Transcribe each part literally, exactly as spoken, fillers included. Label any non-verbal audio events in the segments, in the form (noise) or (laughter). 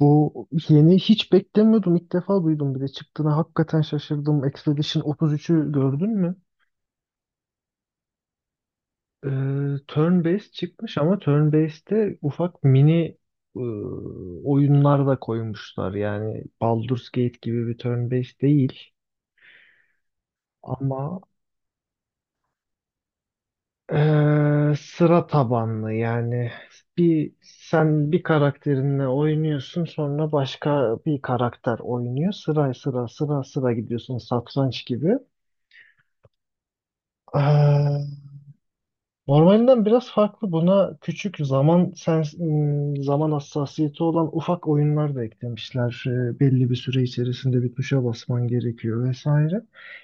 Bu yeni hiç beklemiyordum. İlk defa duydum bir de çıktığına hakikaten şaşırdım. Expedition otuz üçü gördün mü? Ee, turn-based çıkmış ama turn-based'te ufak mini ıı, oyunlar da koymuşlar. Yani Baldur's Gate gibi bir turn-based değil ama Ee, sıra tabanlı yani bir sen bir karakterinle oynuyorsun, sonra başka bir karakter oynuyor, sıra sıra sıra sıra gidiyorsun, satranç gibi. Ee, normalinden biraz farklı. Buna küçük zaman sen m, zaman hassasiyeti olan ufak oyunlar da eklemişler. Ee, belli bir süre içerisinde bir tuşa basman gerekiyor vesaire.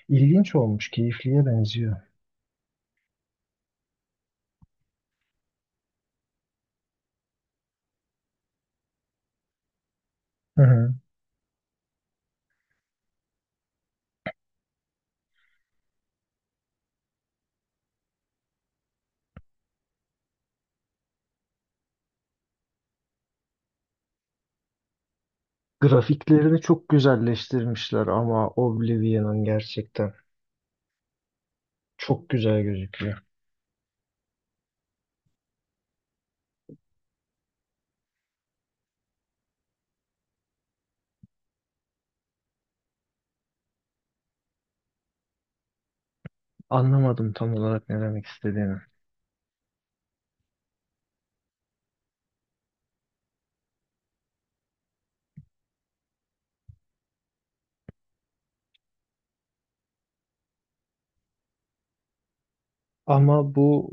İlginç olmuş, keyifliye benziyor. Hı hı. Grafiklerini çok güzelleştirmişler ama Oblivion'ın gerçekten çok güzel gözüküyor. Anlamadım tam olarak ne demek istediğini. Ama bu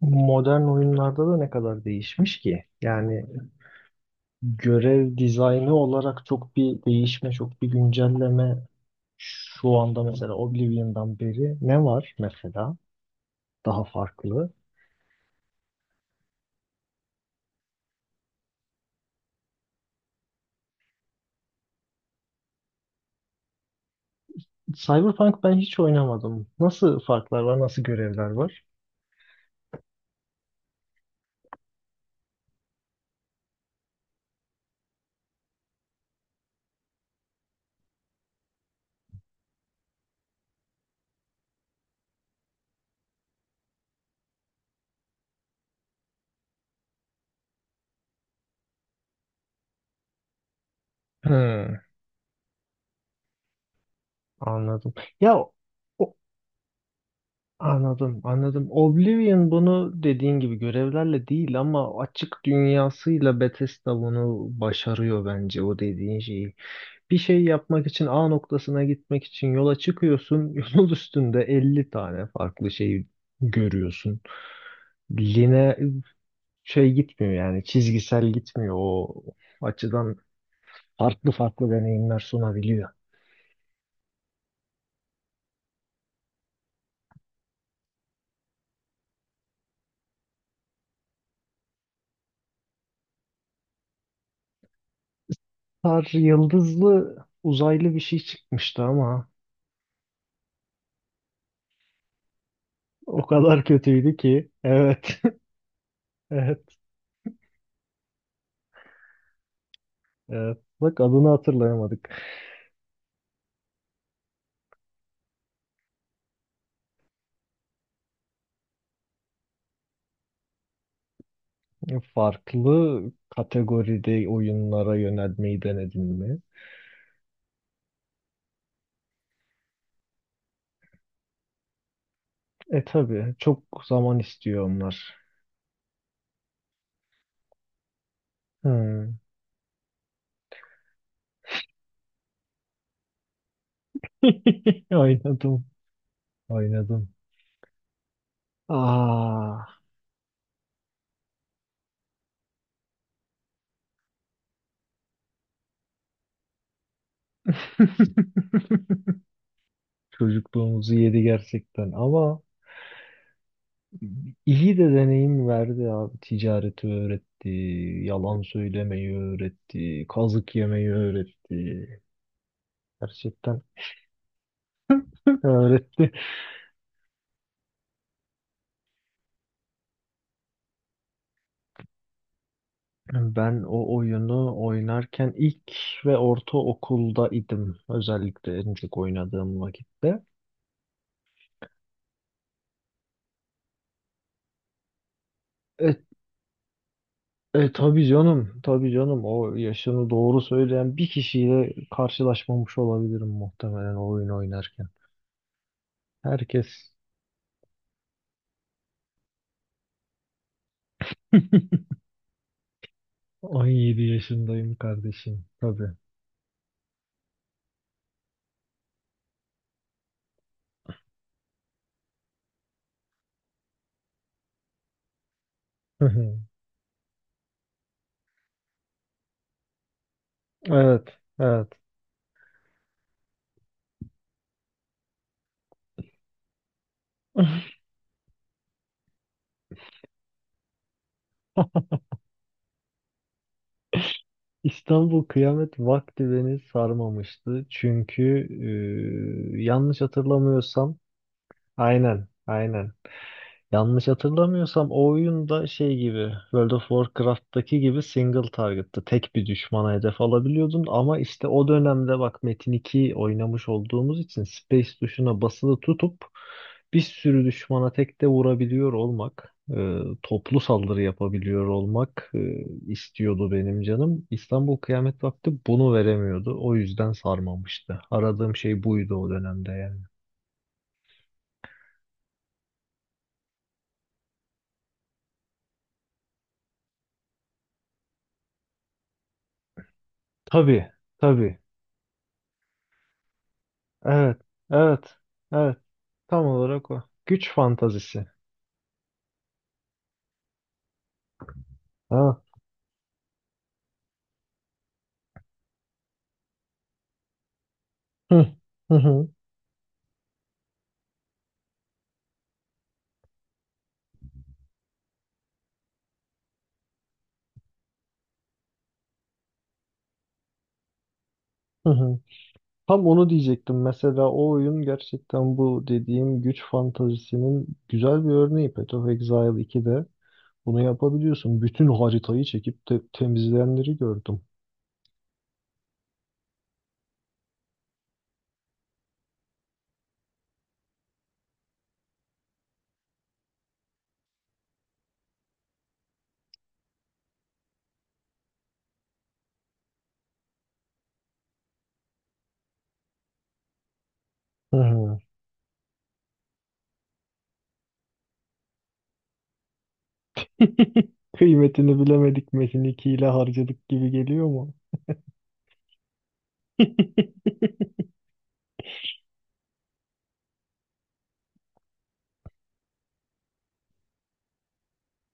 modern oyunlarda da ne kadar değişmiş ki? Yani görev dizaynı olarak çok bir değişme, çok bir güncelleme şu anda mesela Oblivion'dan beri ne var mesela daha farklı? Cyberpunk ben hiç oynamadım. Nasıl farklar var, nasıl görevler var? Hmm, anladım. Ya o- anladım, anladım. Oblivion bunu dediğin gibi görevlerle değil ama açık dünyasıyla Bethesda bunu başarıyor bence, o dediğin şeyi. Bir şey yapmak için A noktasına gitmek için yola çıkıyorsun. (laughs) Yol üstünde elli tane farklı şey görüyorsun. Line şey gitmiyor yani, çizgisel gitmiyor o açıdan, farklı farklı deneyimler sunabiliyor. Star yıldızlı uzaylı bir şey çıkmıştı ama o kadar kötüydü ki. Evet. Evet, evet. Bak, adını hatırlayamadık. Farklı kategoride oyunlara yönelmeyi denedin mi? E, tabii, çok zaman istiyor onlar. Hmm. (laughs) Oynadım, oynadım. Aa, (laughs) çocukluğumuzu yedi gerçekten ama iyi de deneyim verdi abi. Ticareti öğretti, yalan söylemeyi öğretti, kazık yemeyi öğretti. Gerçekten öğretti. Ben o oyunu oynarken ilk ve ortaokulda idim. Özellikle en çok oynadığım vakitte. E, e, tabii canım, tabii canım. O yaşını doğru söyleyen bir kişiyle karşılaşmamış olabilirim muhtemelen o oyunu oynarken. Herkes on yedi yaşındayım kardeşim. Tabii. (laughs) Evet, evet. (laughs) İstanbul Kıyamet Vakti beni sarmamıştı. Çünkü e, yanlış hatırlamıyorsam aynen, aynen. Yanlış hatırlamıyorsam o oyun da şey gibi, World of Warcraft'taki gibi single target'tı. Tek bir düşmana hedef alabiliyordun ama işte o dönemde bak, Metin iki oynamış olduğumuz için, space tuşuna basılı tutup bir sürü düşmana tek de vurabiliyor olmak, e, toplu saldırı yapabiliyor olmak e, istiyordu benim canım. İstanbul Kıyamet Vakti bunu veremiyordu. O yüzden sarmamıştı. Aradığım şey buydu o dönemde yani. Tabii, tabii. Evet, evet. Evet. Tam olarak o. Güç fantazisi. Ha. Hı. Hı hı. Hı hı. Tam onu diyecektim. Mesela o oyun gerçekten bu dediğim güç fantazisinin güzel bir örneği. Path of Exile ikide bunu yapabiliyorsun. Bütün haritayı çekip te- temizleyenleri gördüm. Hı hı. (laughs) Kıymetini bilemedik, Metin iki ile harcadık gibi geliyor mu?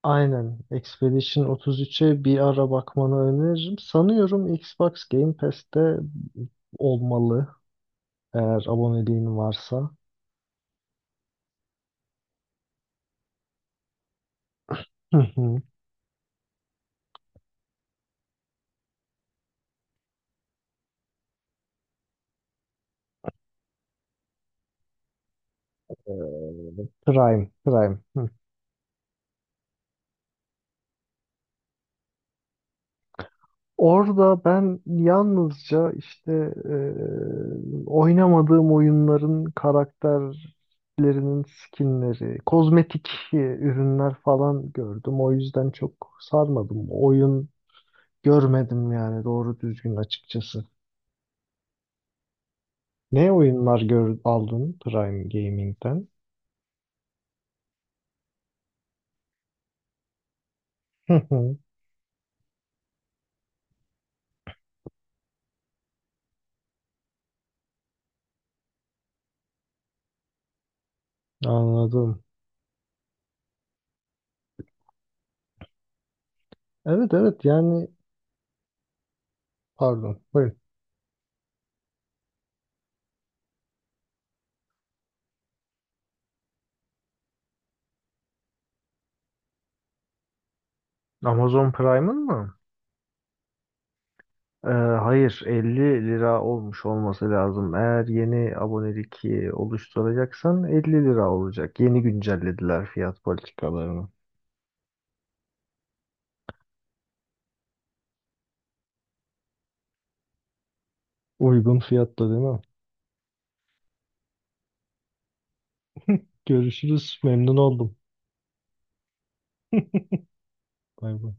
Aynen. Expedition otuz üçe bir ara bakmanı öneririm. Sanıyorum Xbox Game Pass'te olmalı, eğer aboneliğin varsa. Hı hı. Prime, Prime. Hı. Orada ben yalnızca işte e, oynamadığım oyunların karakterlerinin skinleri, kozmetik e, ürünler falan gördüm. O yüzden çok sarmadım. Oyun görmedim yani doğru düzgün, açıkçası. Ne oyunlar gör, aldın Prime Gaming'den? Hı hı. Anladım. Evet, evet yani, pardon. Buyurun. Amazon Prime'ın mı? Ee, hayır elli lira olmuş olması lazım. Eğer yeni abonelik e, oluşturacaksan elli lira olacak. Yeni güncellediler fiyat politikalarını. Uygun fiyatta değil mi? Görüşürüz. Memnun oldum. Bay bay.